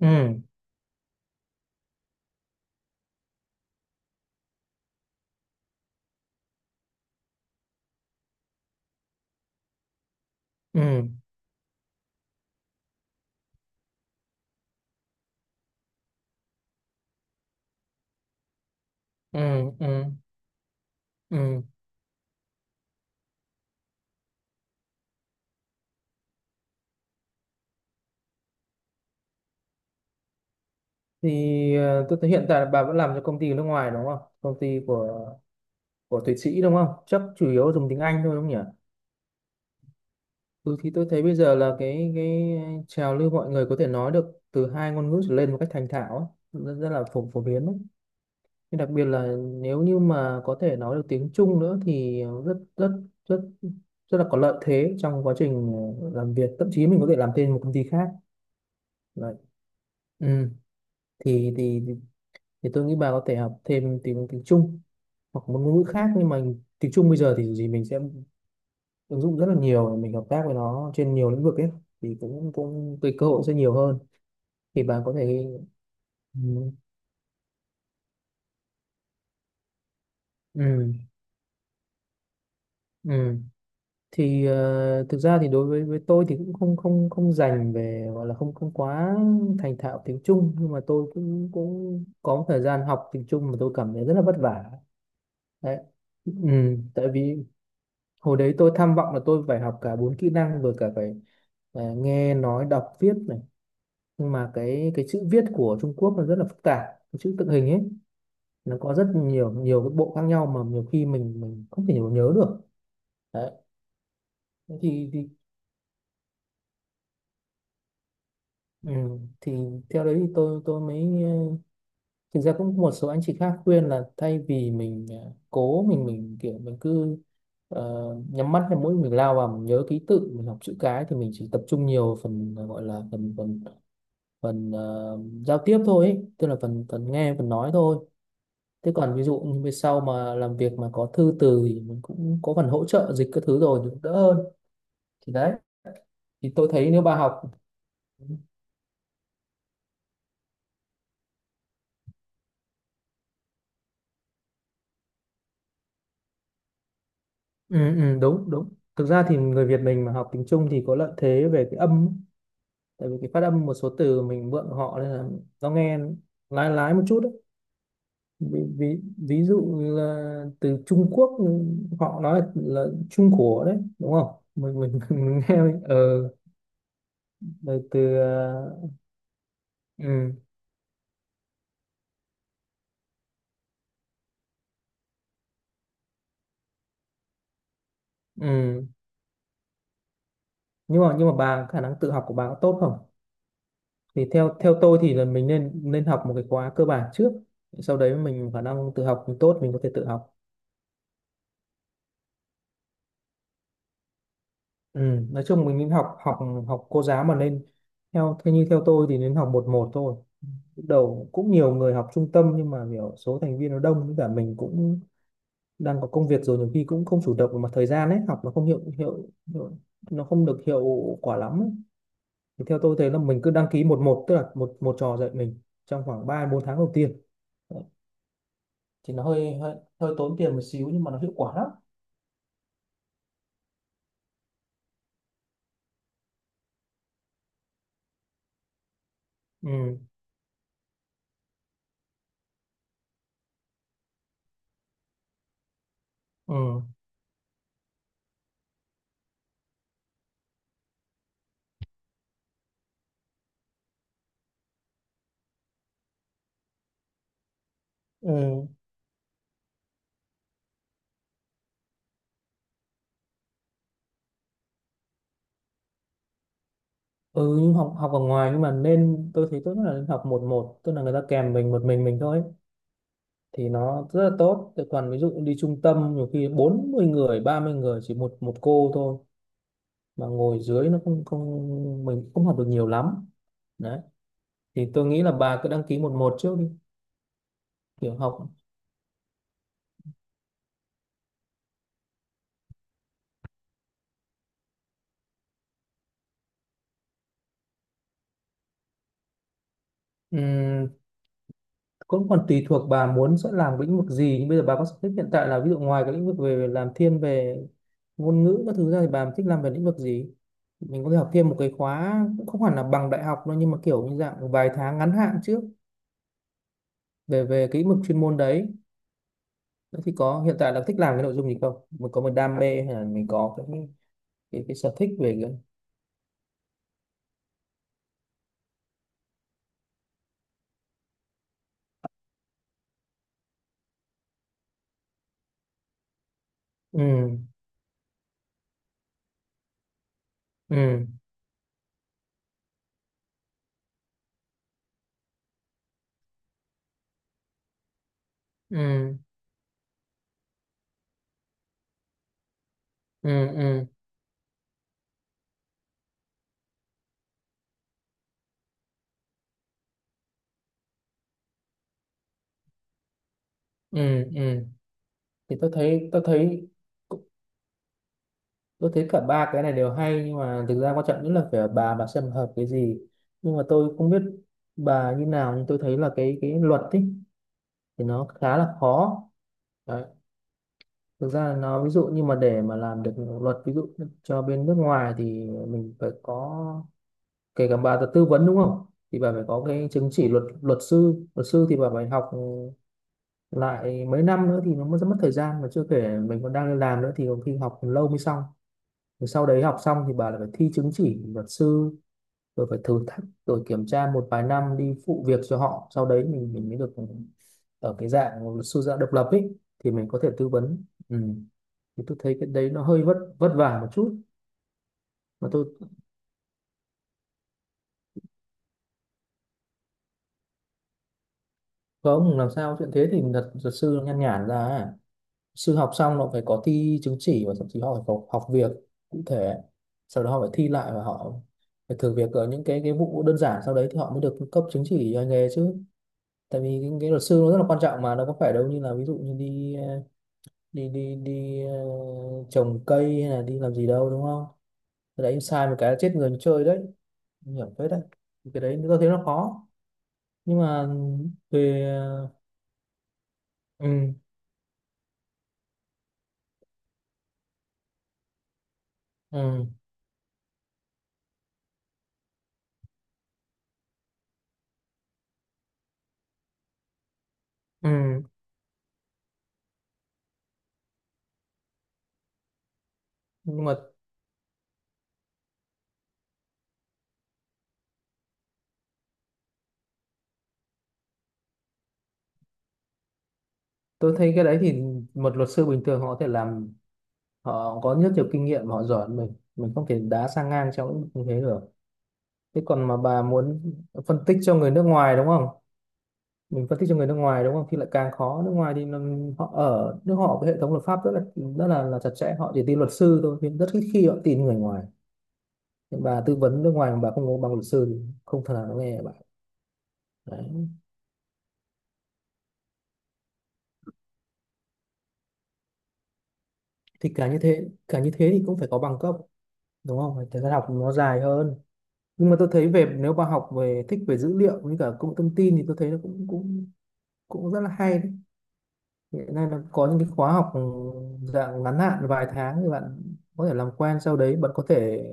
ừ ừ ừ ừ ừ thì tôi thấy hiện tại bà vẫn làm cho công ty nước ngoài, đúng không? Công ty của Thụy Sĩ đúng không? Chắc chủ yếu dùng tiếng Anh thôi đúng không nhỉ? Ừ, thì tôi thấy bây giờ là cái trào lưu mọi người có thể nói được từ hai ngôn ngữ trở lên một cách thành thạo ấy. Rất, rất là phổ phổ biến đấy, nhưng đặc biệt là nếu như mà có thể nói được tiếng Trung nữa thì rất rất rất rất là có lợi thế trong quá trình làm việc, thậm chí mình có thể làm thêm một công ty khác. Đấy. Ừ, thì thì tôi nghĩ bà có thể học thêm tiếng tiếng Trung hoặc một ngôn ngữ khác, nhưng mà tiếng Trung bây giờ thì dù gì mình sẽ ứng dụng rất là nhiều, mình hợp tác với nó trên nhiều lĩnh vực ấy, thì cũng cũng cái cơ hội sẽ nhiều hơn. Thì bà có thể ừ, ừ, ừ. Thì thực ra thì đối với tôi thì cũng không không không dành về, gọi là không không quá thành thạo tiếng Trung, nhưng mà tôi cũng cũng có một thời gian học tiếng Trung mà tôi cảm thấy rất là vất vả. Đấy. Ừ, tại vì hồi đấy tôi tham vọng là tôi phải học cả bốn kỹ năng, vừa cả phải à, nghe nói đọc viết này, nhưng mà cái chữ viết của Trung Quốc nó rất là phức tạp, cái chữ tượng hình ấy. Nó có rất nhiều nhiều cái bộ khác nhau mà nhiều khi mình không thể nhớ được. Đấy. Thế thì ừ, thì theo đấy thì tôi mới thực ra cũng một số anh chị khác khuyên là thay vì mình cố mình kiểu mình cứ ờ, nhắm mắt hay mũi mình lao vào, mình nhớ ký tự, mình học chữ cái, thì mình chỉ tập trung nhiều phần, gọi là phần phần phần ờ, giao tiếp thôi ấy. Tức là phần phần nghe, phần nói thôi. Thế còn ví dụ như về sau mà làm việc mà có thư từ thì mình cũng có phần hỗ trợ dịch các thứ, rồi thì cũng đỡ hơn. Thì đấy, thì tôi thấy nếu bà học ừ, ừ, đúng đúng. Thực ra thì người Việt mình mà học tiếng Trung thì có lợi thế về cái âm ấy. Tại vì cái phát âm một số từ mình mượn của họ, nên là nó nghe lái lái một chút đấy. Ví dụ như là từ Trung Quốc, họ nói là Trung Quốc đấy đúng không, mình, mình nghe mình, Rồi từ ừ, ừ. Nhưng mà bà khả năng tự học của bà có tốt không? Thì theo theo tôi thì là mình nên nên học một cái khóa cơ bản trước, sau đấy mình khả năng tự học mình tốt, mình có thể tự học. Ừ. Nói chung mình nên học học học cô giáo mà nên theo theo như theo tôi thì nên học một một thôi. Lúc đầu cũng nhiều người học trung tâm, nhưng mà kiểu số thành viên nó đông, với cả mình cũng đang có công việc rồi, nhiều khi cũng không chủ động về mặt thời gian ấy, học nó không hiệu hiệu, hiệu nó không được hiệu quả lắm ấy. Thì theo tôi thấy là mình cứ đăng ký một một, tức là một một trò dạy mình trong khoảng 3 4 tháng đầu tiên. Thì nó hơi, hơi hơi tốn tiền một xíu, nhưng mà nó hiệu quả lắm. Ừ. Ừ. Ừ. Ừ, nhưng học học ở ngoài, nhưng mà nên tôi thấy tốt nhất là nên học một một, tức là người ta kèm mình một, mình thôi ấy. Thì nó rất là tốt. Thế còn ví dụ đi trung tâm nhiều khi 40 người, 30 người chỉ một một cô thôi, mà ngồi dưới nó không không mình không học được nhiều lắm. Đấy. Thì tôi nghĩ là bà cứ đăng ký một một trước đi, kiểu học ừm, cũng còn tùy thuộc bà muốn sẽ làm lĩnh vực gì, nhưng bây giờ bà có sở thích hiện tại là, ví dụ ngoài cái lĩnh vực về làm thiên về ngôn ngữ các thứ ra thì bà thích làm về lĩnh vực gì, mình có thể học thêm một cái khóa, cũng không hẳn là bằng đại học đâu, nhưng mà kiểu như dạng vài tháng ngắn hạn trước về về cái lĩnh vực chuyên môn đấy. Thế thì có hiện tại là thích làm cái nội dung gì không, mình có một đam mê hay là mình có cái sở thích về cái ừ ừ ừ ừ ừ ừ ừ thì tôi thấy cả ba cái này đều hay, nhưng mà thực ra quan trọng nhất là phải ở bà, xem hợp cái gì. Nhưng mà tôi không biết bà như nào, nhưng tôi thấy là cái luật ấy thì nó khá là khó đấy. Thực ra là nó, ví dụ như mà để mà làm được luật, ví dụ cho bên nước ngoài, thì mình phải có, kể cả bà là tư vấn đúng không, thì bà phải có cái chứng chỉ luật, luật sư thì bà phải học lại mấy năm nữa, thì nó mới rất mất thời gian, mà chưa kể mình còn đang đi làm nữa thì có khi học lâu mới xong. Rồi sau đấy học xong thì bà lại phải thi chứng chỉ luật sư, rồi phải thử thách, rồi kiểm tra một vài năm đi phụ việc cho họ, sau đấy mình mới được ở cái dạng luật sư dạng độc lập ấy, thì mình có thể tư vấn. Ừ. Thì tôi thấy cái đấy nó hơi vất vất vả một chút. Mà có ông làm sao chuyện thế, thì luật luật sư nó nhan nhản ra à. Sư học xong nó phải có thi chứng chỉ và thậm chí họ phải có học việc cụ thể, sau đó họ phải thi lại và họ phải thử việc ở những cái vụ đơn giản, sau đấy thì họ mới được cấp chứng chỉ hành nghề chứ. Tại vì cái luật sư nó rất là quan trọng, mà nó có phải đâu như là ví dụ như đi ờ, đi đi đi ờ, trồng cây hay là đi làm gì đâu đúng không. Cái đấy sai một cái là chết người như chơi đấy. Nguy hiểm phết đấy. Thì cái đấy tôi thấy nó khó, nhưng mà về ừ, ừ, ừ. Nhưng mà tôi thấy cái đấy thì một luật sư bình thường họ có thể làm, họ có rất nhiều kinh nghiệm, họ giỏi hơn mình, không thể đá sang ngang trong lĩnh vực như thế được. Thế còn mà bà muốn phân tích cho người nước ngoài đúng không, mình phân tích cho người nước ngoài đúng không, thì lại càng khó. Nước ngoài thì nó- họ ở nước họ cái hệ thống luật pháp rất là chặt chẽ, họ chỉ tin luật sư thôi, nhưng rất ít khi họ tin người ngoài. Nhưng bà tư vấn nước ngoài mà bà không có bằng luật sư thì không thể nào nó nghe bà. Đấy. Thì cả như thế thì cũng phải có bằng cấp đúng không. Phải, thời gian học nó dài hơn, nhưng mà tôi thấy về nếu bà học về, thích về dữ liệu với cả công nghệ thông tin, thì tôi thấy nó cũng cũng cũng rất là hay đấy. Hiện nay nó có những cái khóa học ừ, dạng ngắn hạn vài tháng, thì bạn có thể làm quen, sau đấy bạn có thể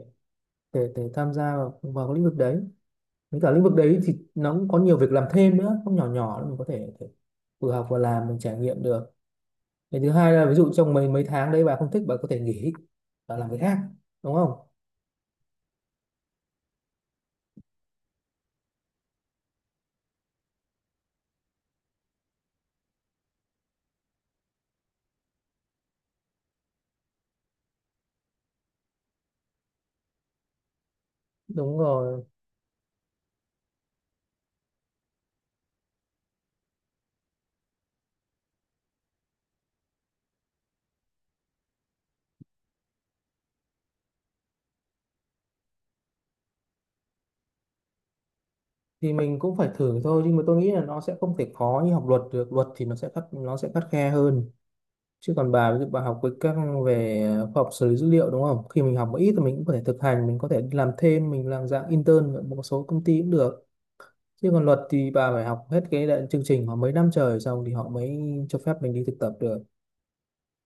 để tham gia vào cái lĩnh vực đấy. Với cả lĩnh vực đấy thì nó cũng có nhiều việc làm thêm nữa, không nhỏ nhỏ đâu, mình có thể, vừa học vừa làm, mình trải nghiệm được. Cái thứ hai là ví dụ trong mấy mấy tháng đấy bà không thích, bà có thể nghỉ và làm việc khác đúng không. Đúng rồi. Thì mình cũng phải thử thôi, nhưng mà tôi nghĩ là nó sẽ không thể khó như học luật được. Luật thì nó sẽ khắt khe hơn. Chứ còn bà ví dụ bà học với các về khoa học xử lý dữ liệu đúng không, khi mình học một ít thì mình cũng có thể thực hành, mình có thể làm thêm, mình làm dạng intern ở một số công ty cũng được. Chứ còn luật thì bà phải học hết cái đại- chương trình mà mấy năm trời xong, thì họ mới cho phép mình đi thực tập được.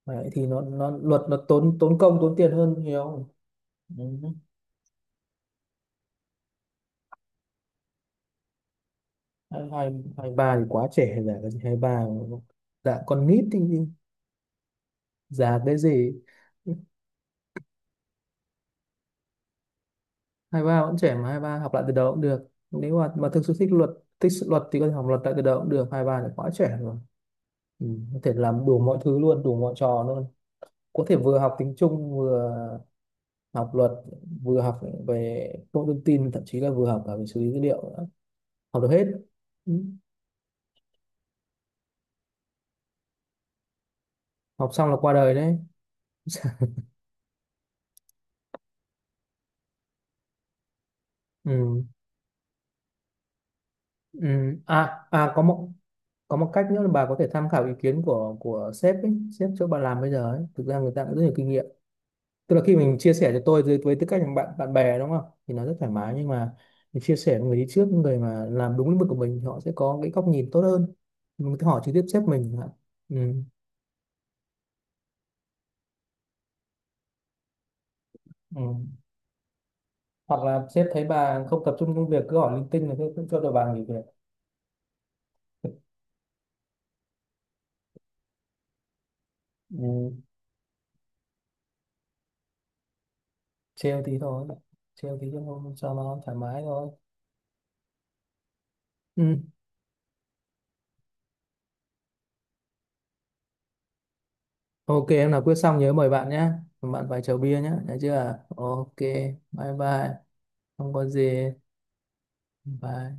Đấy, thì nó luật nó tốn tốn công tốn tiền hơn nhiều. Ừ. hai hai Hai ba thì quá trẻ rồi, giả cái gì hai ba, dạ con nít thì già cái gì. Hai ba vẫn trẻ mà, hai ba học lại từ đầu cũng được nếu mà thực sự thích luật. Thích sự luật thì có thể học luật lại từ đầu cũng được, hai ba thì quá trẻ rồi. Ừ. Có thể làm đủ mọi thứ luôn, đủ mọi trò luôn. Có thể vừa học tiếng Trung, vừa học luật, vừa học về công nghệ thông tin, thậm chí là vừa học cả về xử lý dữ liệu nữa. Học được hết. Ừ. Học xong là qua đời đấy. Ừ. Ừ. À à có một, có một cách nữa là bà có thể tham khảo ý kiến của sếp ấy. Sếp chỗ bà làm bây giờ ấy, thực ra người ta cũng rất nhiều kinh nghiệm. Tức là khi mình chia sẻ cho tôi với tư cách là bạn bạn bè đúng không, thì nó rất thoải mái, nhưng mà mình chia sẻ với người đi trước, người mà làm đúng lĩnh vực của mình, thì họ sẽ có cái góc nhìn tốt hơn. Mình có thể hỏi trực tiếp sếp mình chẳng hạn. Ừ. Ừ. Hoặc là sếp thấy bà không tập trung công việc, cứ hỏi linh tinh, là cứ cũng cho đội bà nghỉ việc. Ừ. Trêu tí thôi, trêu tí cho nó thoải mái thôi. Ừ. OK, em nào quyết xong nhớ mời bạn nhé. Bạn phải chầu bia nhé, nhớ chưa? OK. Bye bye. Không có gì. Bye.